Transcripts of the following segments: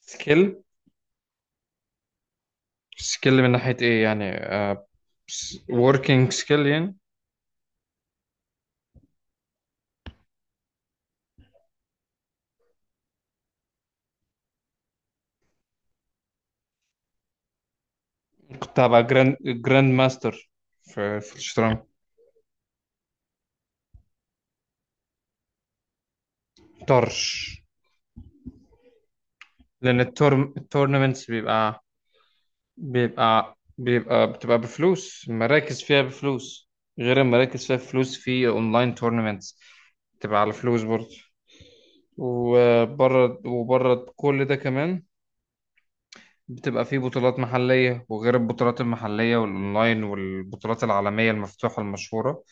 سكيل سكيل من ناحية ايه يعني؟ وركينج سكيل يعني. كنت هبقى جراند ماستر في الشطرنج. طرش. لأن التورنمنتس بيبقى بيبقى بيبقى بتبقى بفلوس، مراكز فيها بفلوس، غير المراكز فيها فلوس في اونلاين تورنمنتس بتبقى على فلوس برضه. وبره كل ده كمان، بتبقى فيه بطولات محلية، وغير البطولات المحلية والأونلاين والبطولات العالمية المفتوحة المشهورة.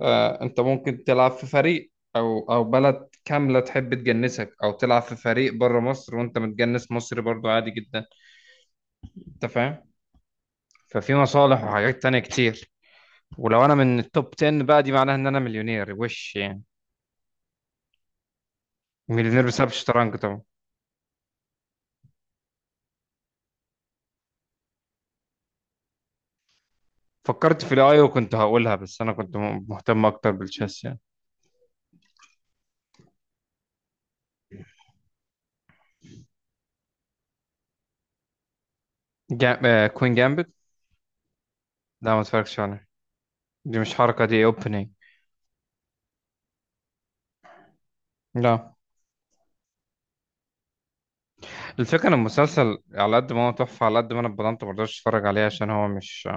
انت ممكن تلعب في فريق او بلد كامله تحب تجنسك، او تلعب في فريق بره مصر وانت متجنس مصري برضو، عادي جدا. انت فاهم؟ ففي مصالح وحاجات تانية كتير. ولو انا من التوب 10 بقى، دي معناها ان انا مليونير، وش يعني مليونير بسبب الشطرنج طبعا. فكرت في الاي، وكنت هقولها، بس انا كنت مهتم اكتر بالتشيس يعني. جا... آه، كوين جامبت. لا، ما اتفرجتش عليها. دي مش حركه، دي اوبننج. لا. الفكرة ان المسلسل على قد ما هو تحفة، على قد ما انا اتبضنت مرضاش اتفرج عليه، عشان هو مش...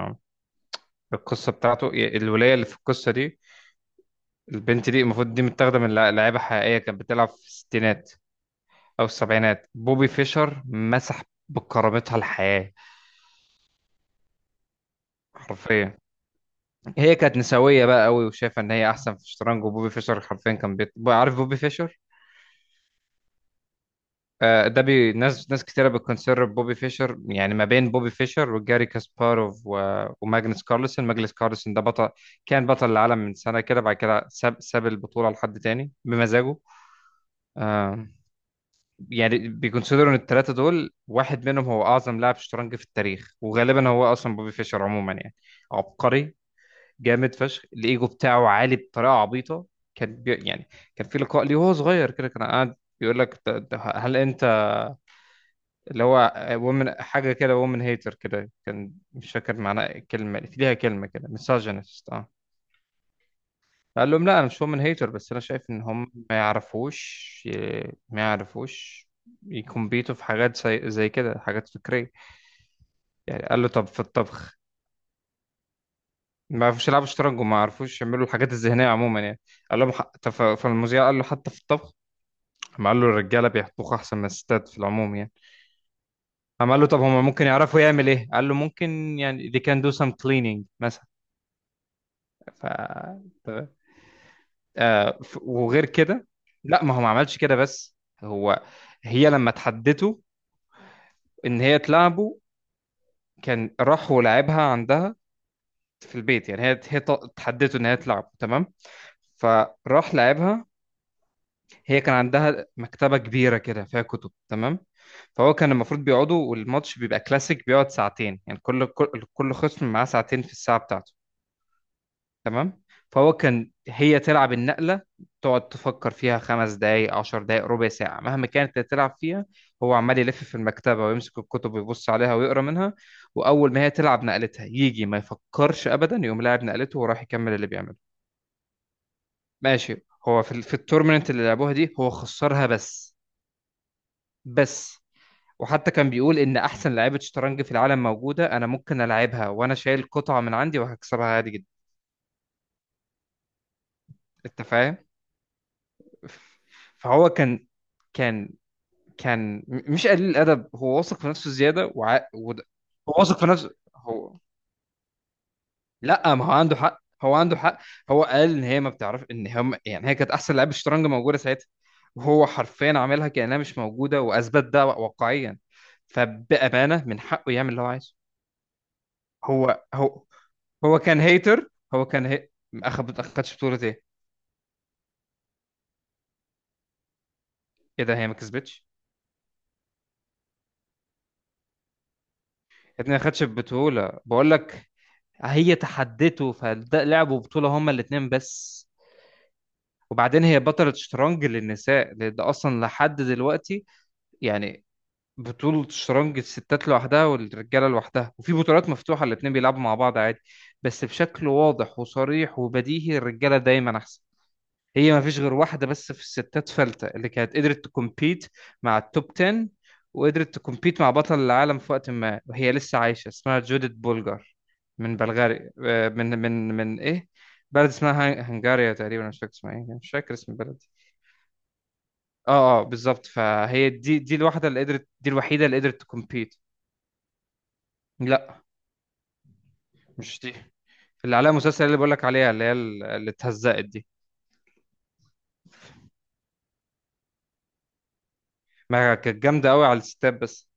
القصة بتاعته، الولاية اللي في القصة دي، البنت دي المفروض دي متاخدة من لعيبة حقيقية كانت بتلعب في الستينات او السبعينات. بوبي فيشر مسح بكرامتها الحياة. حرفيا. هي كانت نسوية بقى قوي، وشايفة ان هي احسن في الشطرنج، وبوبي فيشر حرفيا كان عارف بوبي فيشر؟ ده ناس كتيرة بتكونسيدر بوبي فيشر، يعني ما بين بوبي فيشر وجاري كاسباروف وماجنس كارلسن. ماجنس كارلسن ده بطل. كان بطل العالم من سنة كده، بعد كده ساب البطولة لحد تاني بمزاجه. آه، يعني بيكونسيدروا ان الثلاثة دول واحد منهم هو أعظم لاعب شطرنج في التاريخ، وغالبا هو أصلا بوبي فيشر عموما يعني. عبقري جامد فشخ. الإيجو بتاعه عالي بطريقة عبيطة. كان يعني كان في لقاء ليه وهو صغير كده، كان قاعد بيقول لك ده هل انت اللي هو وومن حاجة كده، وومن هيتر كده. كان مش فاكر معناها، الكلمة في ليها كلمة كده، misogynist. اه. قال لهم لا، أنا مش وومن هيتر، بس أنا شايف إن هم ما يعرفوش. ما يعرفوش يكمبيتوا في حاجات زي كده، حاجات فكرية يعني. قال له طب في الطبخ؟ ما يعرفوش يلعبوا شطرنج، وما يعرفوش يعملوا الحاجات الذهنية عموما يعني. قال لهم طب في المذيع قال له حتى في الطبخ. قام قال له الرجالة بيطبخوا أحسن من الستات في العموم يعني. قام قال له طب هم ممكن يعرفوا يعمل إيه؟ قال له ممكن يعني they can do some cleaning مثلا. ف تمام. وغير كده. لا، ما هو ما عملش كده بس. هو، هي لما تحدته ان هي تلعبه، كان راح ولعبها عندها في البيت. يعني هي تحدته ان هي تلعب، تمام، فراح لعبها. هي كان عندها مكتبة كبيرة كده فيها كتب، تمام. فهو كان المفروض بيقعدوا، والماتش بيبقى كلاسيك بيقعد ساعتين يعني، كل خصم معاه ساعتين في الساعة بتاعته، تمام. فهو كان هي تلعب النقلة، تقعد تفكر فيها خمس دقايق، عشر دقايق، ربع ساعة، مهما كانت اللي تلعب فيها، هو عمال يلف في المكتبة ويمسك الكتب ويبص عليها ويقرأ منها. وأول ما هي تلعب نقلتها يجي، ما يفكرش أبدا، يقوم لاعب نقلته وراح يكمل اللي بيعمله. ماشي. هو في في التورنمنت اللي لعبوها دي هو خسرها بس. بس وحتى كان بيقول إن أحسن لعيبة شطرنج في العالم موجودة، أنا ممكن ألعبها وأنا شايل قطعة من عندي وهكسبها عادي جدا. أنت فاهم؟ فهو كان، كان كان مش قليل الادب، هو واثق في نفسه زياده هو واثق في نفسه هو. لا، ما هو عنده حق، هو عنده حق. هو قال ان هي ما بتعرف ان هم، يعني هي كانت احسن لعيبه شطرنج موجوده ساعتها، وهو حرفيا عاملها كانها مش موجوده، واثبت ده واقعيا. فبامانه من حقه يعمل اللي هو عايزه. هو هو كان هيتر. هو كان اخد، ما خدش بطوله ايه؟ ايه ده، هي ما كسبتش؟ يا ابني ما خدش بطوله بقول لك. هي تحدته، فده لعبوا بطوله هما الاثنين بس. وبعدين هي بطلة شطرنج للنساء، لأن ده أصلا لحد دلوقتي يعني، بطولة شطرنج الستات لوحدها والرجالة لوحدها، وفي بطولات مفتوحة الاتنين بيلعبوا مع بعض عادي. بس بشكل واضح وصريح وبديهي الرجالة دايما أحسن. هي ما فيش غير واحدة بس في الستات فلتة اللي كانت قدرت تكمبيت مع التوب 10، وقدرت تكمبيت مع بطل العالم في وقت ما وهي لسه عايشة، اسمها جوديت بولجار. من بلغاري، من من إيه، بلد اسمها هنغاريا تقريبا، مش فاكر اسمها ايه، مش فاكر اسم البلد. اه، اه، بالظبط. فهي دي الواحده اللي قدرت، دي الوحيده اللي قدرت تكمبيت. لا. مش دي اللي عليها مسلسل، اللي بقولك عليها اللي هي اللي اتهزقت دي. ما كانت جامده قوي على الستات بس،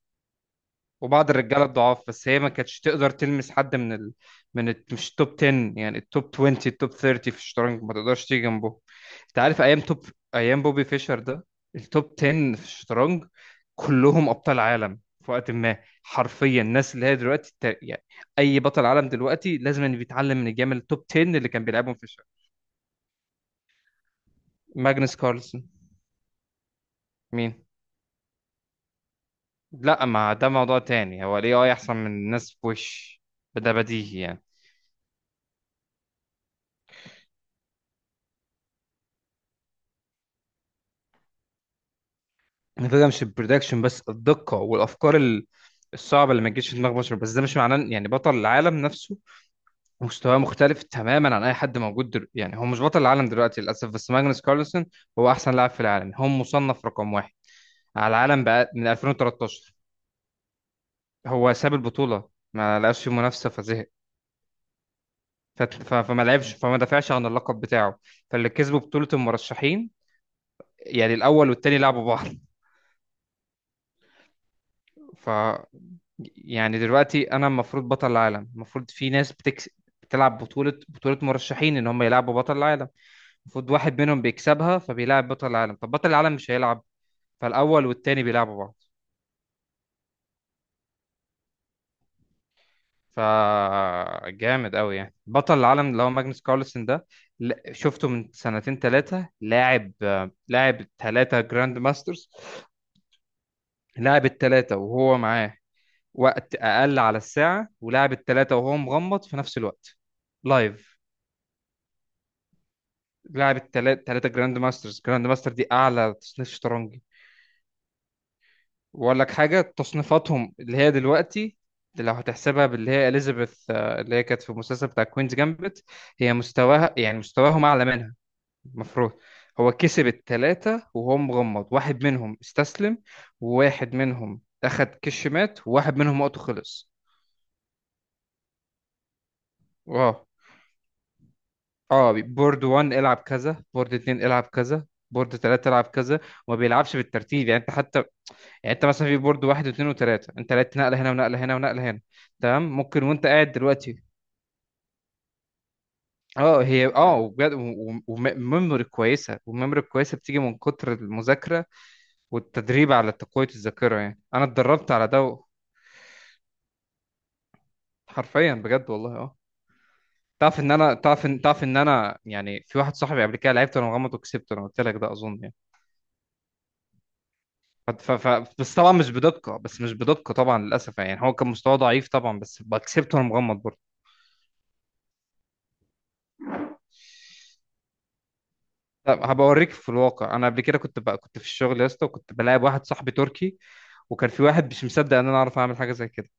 وبعض الرجاله الضعاف. بس هي ما كانتش تقدر تلمس حد مش التوب 10، يعني التوب 20، التوب 30 في الشطرنج ما تقدرش تيجي جنبه. انت عارف ايام توب، ايام بوبي فيشر ده، التوب 10 في الشطرنج كلهم ابطال عالم في وقت ما. حرفيا الناس اللي هي دلوقتي يعني اي بطل عالم دلوقتي لازم إن بيتعلم من الجيم التوب 10 اللي كان بيلعبهم فيشر. ماجنس كارلسن. مين؟ لا، ما ده موضوع تاني، هو الاي اي احسن من الناس بوش، ده بديهي يعني. الفكره مش البرودكشن بس، الدقه والافكار الصعبه اللي ما تجيش في دماغ بشر. بس ده مش معناه يعني بطل العالم نفسه مستواه مختلف تماما عن اي حد موجود يعني، هو مش بطل العالم دلوقتي للاسف، بس ماجنس كارلسن هو احسن لاعب في العالم، هو مصنف رقم واحد على العالم بقى من 2013. هو ساب البطوله، ما لقاش فيه منافسه فزهق. فما لعبش، فما دافعش عن اللقب بتاعه، فاللي كسبوا بطوله المرشحين، يعني الاول والتاني لعبوا بعض. ف يعني دلوقتي انا المفروض بطل العالم، المفروض في ناس بتلعب بطولة مرشحين ان هم يلعبوا بطل العالم. المفروض واحد منهم بيكسبها فبيلعب بطل العالم، طب بطل العالم مش هيلعب، فالاول والتاني بيلعبوا بعض. ف جامد قوي يعني. بطل العالم اللي هو ماجنس كارلسن ده، شفته من سنتين ثلاثة لاعب، ثلاثة جراند ماسترز، لاعب الثلاثة وهو معاه وقت اقل على الساعة، ولاعب الثلاثة وهو مغمض في نفس الوقت، لايف. لعب التلاتة، تلاتة جراند ماسترز. جراند ماستر دي أعلى تصنيف شطرنجي. وأقول لك حاجة، تصنيفاتهم اللي هي دلوقتي، اللي لو هتحسبها باللي هي إليزابيث، اللي هي كانت في المسلسل بتاع كوينز جامبت، هي مستواها، يعني مستواهم أعلى منها المفروض. هو كسب التلاتة وهو مغمض، واحد منهم استسلم، وواحد منهم أخد كش مات، وواحد منهم وقته خلص. واو. اه، بورد 1 العب كذا، بورد 2 العب كذا، بورد 3 العب كذا. وما بيلعبش بالترتيب، يعني انت حتى، يعني انت مثلا في بورد واحد واثنين وثلاثه، انت لقيت نقله هنا ونقله هنا ونقله هنا، تمام، ممكن وانت قاعد دلوقتي. اه، هي اه، وبجد، وميموري كويسه، والميموري الكويسه بتيجي من كتر المذاكره والتدريب على تقويه الذاكره، يعني انا اتدربت على ده. حرفيا بجد والله اه. تعرف ان انا، تعرف ان انا يعني، في واحد صاحبي قبل كده لعبت وانا مغمض وكسبته، انا قلت لك ده اظن يعني. بس طبعا مش بدقه، بس مش بدقه طبعا للاسف، يعني هو كان مستواه ضعيف طبعا بس كسبته وانا مغمض برضه. لا، هبقى اوريك. في الواقع انا قبل كده كنت بقى، كنت في الشغل يا اسطى، وكنت بلاعب واحد صاحبي تركي، وكان في واحد مش مصدق ان انا اعرف اعمل حاجه زي كده.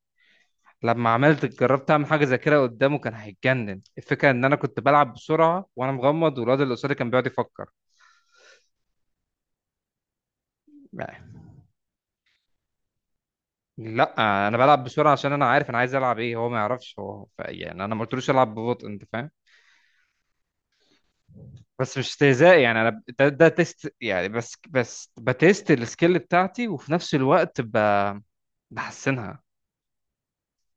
لما عملت، جربت اعمل حاجه زي كده قدامه، كان هيتجنن. الفكره ان انا كنت بلعب بسرعه وانا مغمض، والواد اللي قصادي كان بيقعد يفكر. يعني. لا انا بلعب بسرعه عشان انا عارف انا عايز العب ايه، هو ما يعرفش هو. يعني انا ما قلتلوش العب ببطء. انت فاهم؟ بس مش استهزاء يعني، انا ده تيست يعني، بس بتيست السكيل بتاعتي، وفي نفس الوقت بحسنها.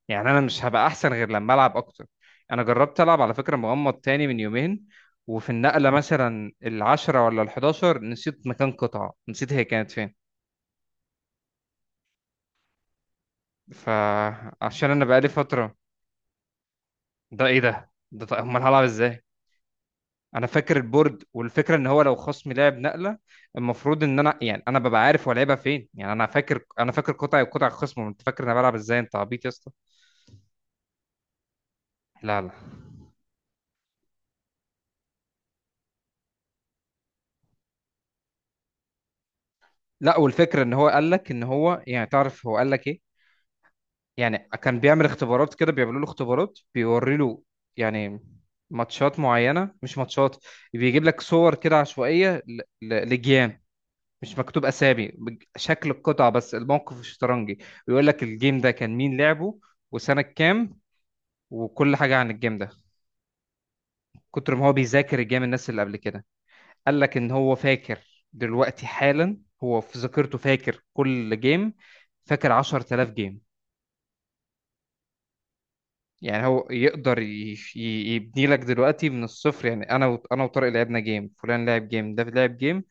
يعني انا مش هبقى احسن غير لما العب اكتر. انا جربت العب على فكره مغمض تاني من يومين، وفي النقله مثلا العشرة ولا الحداشر نسيت مكان قطعه، نسيت هي كانت فين. فعشان انا بقالي فتره. ده ايه ده، ده طيب امال هلعب ازاي؟ انا فاكر البورد، والفكره ان هو لو خصمي لعب نقله المفروض ان انا، يعني انا ببقى عارف هو لعبها فين، يعني انا فاكر، انا فاكر قطعي وقطع الخصم. انت فاكر إن انا بلعب ازاي، انت عبيط يا اسطى. لا، لا، لا. والفكره ان هو قال لك ان هو، يعني تعرف هو قال لك ايه، يعني كان بيعمل اختبارات كده، بيعملوا له اختبارات، بيوري له يعني ماتشات معينة، مش ماتشات، بيجيب لك صور كده عشوائية لجيام، مش مكتوب أسامي، شكل القطع بس، الموقف الشطرنجي، ويقول لك الجيم ده كان مين لعبه، وسنة كام، وكل حاجة عن الجيم ده. كتر ما هو بيذاكر الجيم، الناس اللي قبل كده، قال لك إن هو فاكر دلوقتي حالا، هو في ذاكرته فاكر كل جيم، فاكر 10000 جيم. يعني هو يقدر يبني لك دلوقتي من الصفر يعني. انا انا وطارق لعبنا جيم، فلان لعب جيم، ده لعب جيم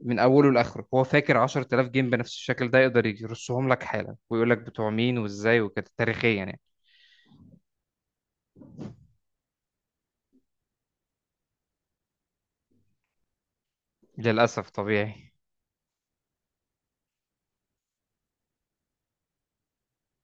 من اوله لاخره، هو فاكر 10000 جيم بنفس الشكل ده، يقدر يرصهم لك حالا، ويقول لك بتوع مين وازاي وكده تاريخيا يعني. للاسف طبيعي.